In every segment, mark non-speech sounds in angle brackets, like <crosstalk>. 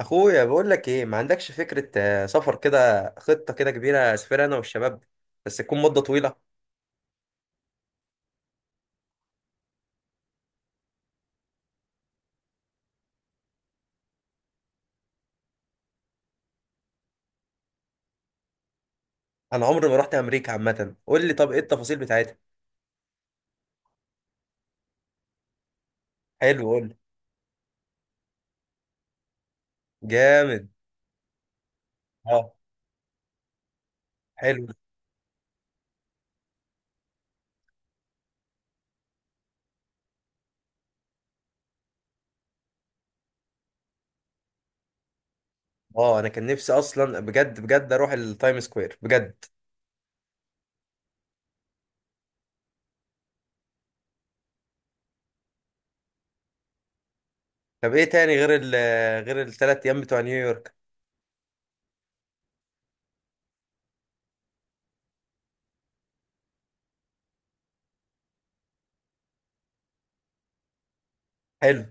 اخويا بقول لك ايه، ما عندكش فكره. سفر كده، خطه كده كبيره، اسافر انا والشباب. بس تكون مده طويله. انا عمري ما رحت امريكا عامه، قول لي طب ايه التفاصيل بتاعتها؟ حلو، قول لي. جامد. اه، حلو. اه، انا كان نفسي اصلا بجد بجد اروح التايم سكوير بجد. طب ايه تاني غير ال غير الثلاث ايام بتوع نيويورك؟ حلو.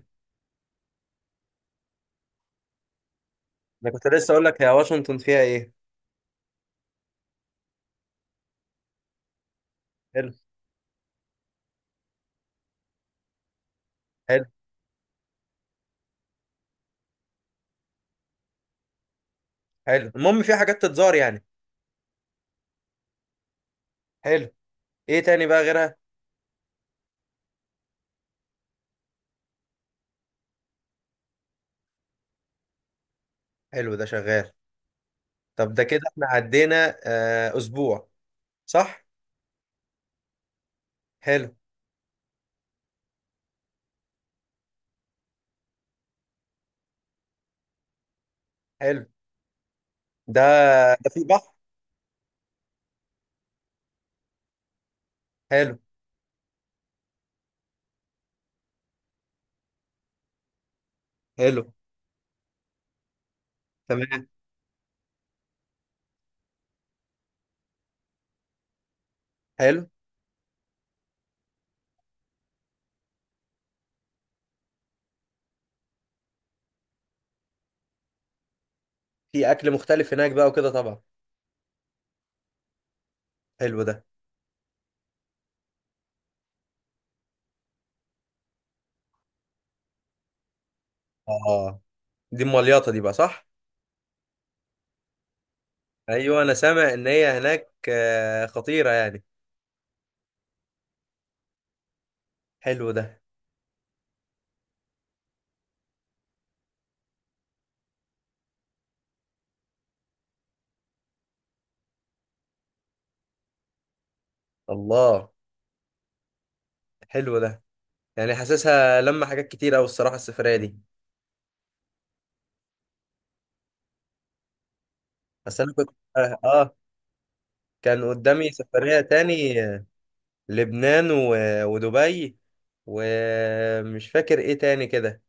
انا كنت لسه اقول لك يا واشنطن فيها ايه؟ حلو. حلو. حلو، المهم في حاجات تتزار يعني. حلو. ايه تاني بقى غيرها؟ حلو، ده شغال. طب ده كده احنا عدينا اسبوع. صح. حلو. حلو ده. ده في بحر. حلو. حلو. تمام. حلو. في اكل مختلف هناك بقى وكده طبعا. حلو ده. اه، دي المليطه دي بقى صح. ايوه، انا سامع ان هي هناك خطيره يعني. حلو ده. الله. حلو ده. يعني حاسسها لما حاجات كتير قوي الصراحه السفريه دي. بس انا كنت، اه آه، كان قدامي سفريه تاني. لبنان ودبي، ومش فاكر ايه تاني كده.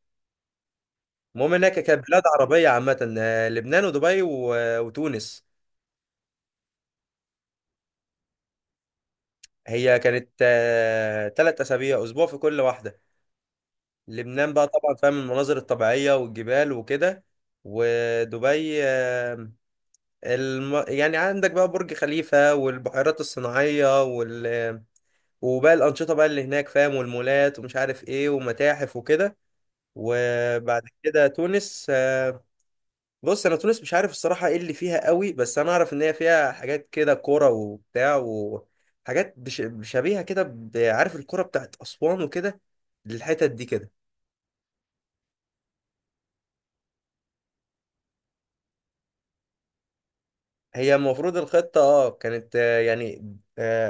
المهم انها كانت بلاد عربية عامة، لبنان ودبي وتونس. هي كانت ثلاث أسابيع، أسبوع في كل واحدة. لبنان بقى طبعا، فاهم، المناظر الطبيعية والجبال وكده. ودبي، يعني عندك بقى برج خليفة والبحيرات الصناعية وباقي الأنشطة بقى اللي هناك، فاهم، والمولات ومش عارف ايه ومتاحف وكده. وبعد كده تونس. بص، انا تونس مش عارف الصراحه ايه اللي فيها قوي، بس انا اعرف ان هي فيها حاجات كده كوره وبتاع، وحاجات شبيهه كده، عارف الكوره بتاعت اسوان وكده، للحتت دي كده. هي المفروض الخطه كانت، آه، يعني آه،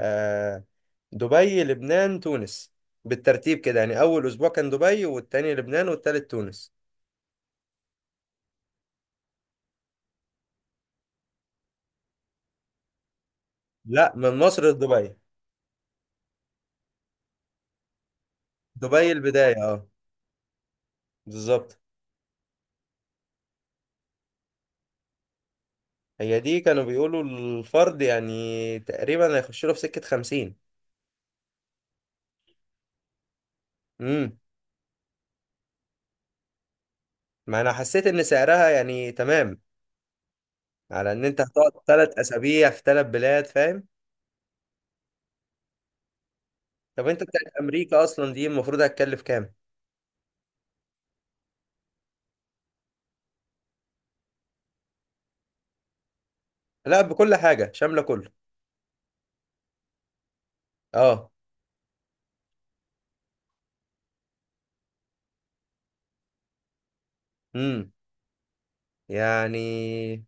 آه، دبي لبنان تونس، بالترتيب كده، يعني اول اسبوع كان دبي والتاني لبنان والتالت تونس. لا، من مصر لدبي. دبي البدايه، اه. بالظبط. هي دي كانوا بيقولوا الفرد يعني تقريبا هيخش له في سكه 50. امم. ما انا حسيت ان سعرها يعني تمام، على ان انت هتقعد ثلاث اسابيع في ثلاث بلاد، فاهم. طب انت بتاعت امريكا اصلا دي المفروض هتكلف كام؟ لا، بكل حاجه، شامله كله. اه. امم. يعني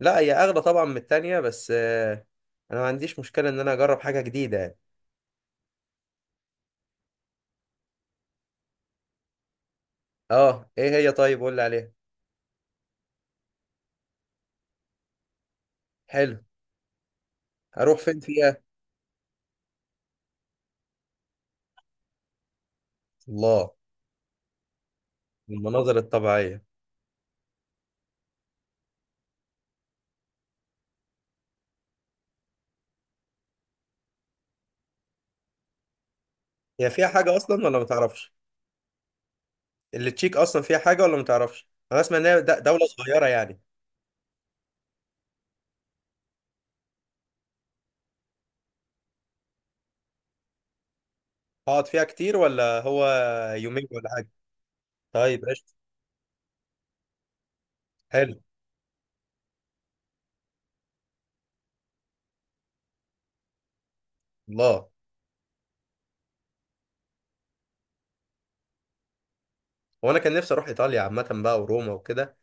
لا هي اغلى طبعا من التانية، بس انا ما عنديش مشكله ان انا اجرب حاجه جديده يعني. اه، ايه هي؟ طيب قول لي عليها. حلو. هروح فين فيها؟ الله. المناظر الطبيعيه. هي فيها حاجه اصلا ولا ما تعرفش؟ اللي تشيك اصلا فيها حاجه ولا ما تعرفش؟ انا اسمع ان هي دوله صغيره يعني. هقعد فيها كتير ولا هو يومين ولا حاجة؟ طيب، قشطة. حلو. الله. وانا كان نفسي اروح ايطاليا عامة بقى وروما وكده.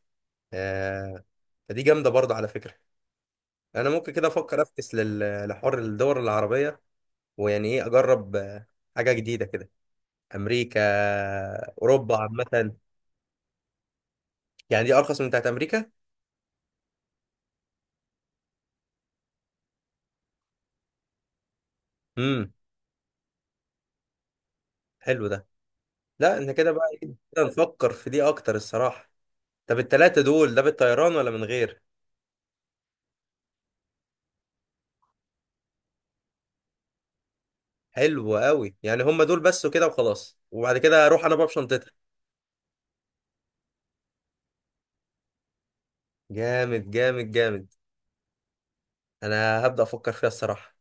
آه. فدي جامدة برضه على فكرة. انا ممكن كده افكر افكس لحوار الدول العربية، ويعني ايه، اجرب حاجة جديدة كده. امريكا، اوروبا عامة. يعني دي ارخص من بتاعت امريكا؟ امم. حلو ده. لا احنا كده بقى، إيه، كده نفكر في دي اكتر الصراحة. طب التلاتة دول ده بالطيران ولا من غير؟ حلو قوي. يعني هم دول بس وكده وخلاص، وبعد كده اروح انا بقى بشنطتها. جامد جامد جامد. انا هبدأ افكر فيها الصراحة.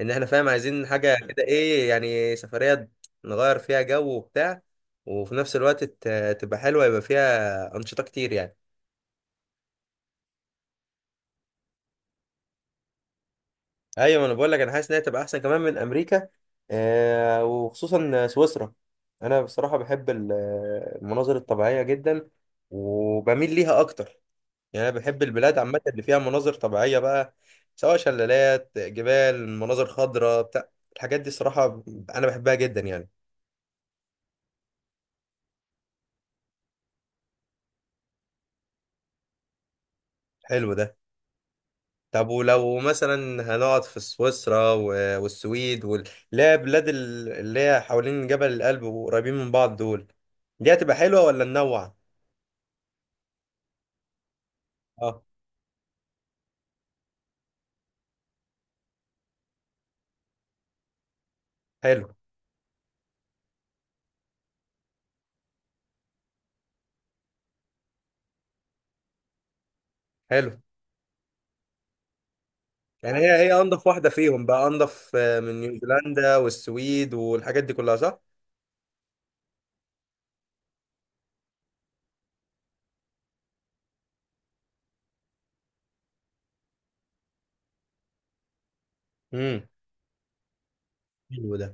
ان احنا، فاهم، عايزين حاجة كده، ايه يعني، سفرية نغير فيها جو وبتاع، وفي نفس الوقت تبقى حلوة، يبقى فيها أنشطة كتير يعني. ايوه، ما انا بقول لك، انا حاسس انها تبقى احسن كمان من امريكا، وخصوصا سويسرا. انا بصراحة بحب المناظر الطبيعية جدا، وبميل ليها اكتر. يعني انا بحب البلاد عامه اللي فيها مناظر طبيعيه بقى، سواء شلالات، جبال، مناظر خضراء، بتاع الحاجات دي صراحه انا بحبها جدا يعني. حلو ده. طب ولو مثلا هنقعد في سويسرا والسويد اللي هي بلاد اللي هي حوالين جبل الألب وقريبين من بعض، دول دي هتبقى حلوه ولا ننوع؟ اه، حلو. حلو. يعني هي انضف واحده فيهم بقى، انضف، من نيوزيلندا والسويد والحاجات دي كلها، صح. امم. حلو ده.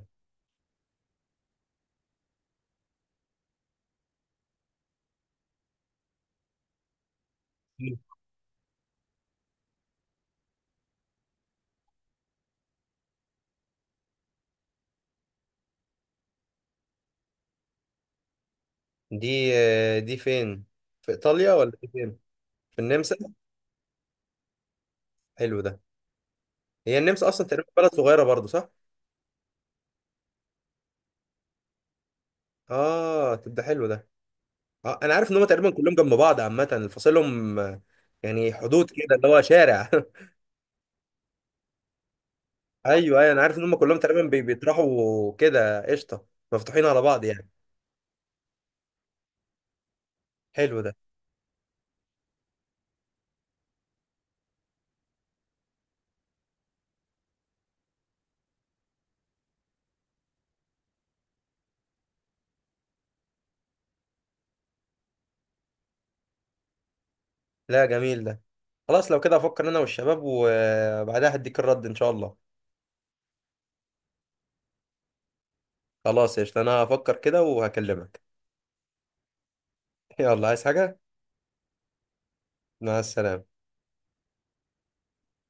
دي، دي فين، في ايطاليا ولا دي فين؟ في النمسا. حلو ده. هي النمسا اصلا تقريبا بلد صغيره برضو، صح؟ اه، تبقى حلو ده. انا عارف ان هم تقريبا كلهم جنب بعض عامه، فاصلهم يعني حدود كده اللي هو شارع <laughs> ايوه ايوه، انا عارف ان هم كلهم تقريبا بيطرحوا كده، قشطه، مفتوحين على بعض يعني. حلو ده. لا، جميل ده. خلاص، لو كده هفكر انا والشباب، وبعدها هديك الرد ان شاء الله. خلاص، قشطه، انا هفكر كده وهكلمك. <laughs> يلا، عايز حاجه؟ مع السلامه.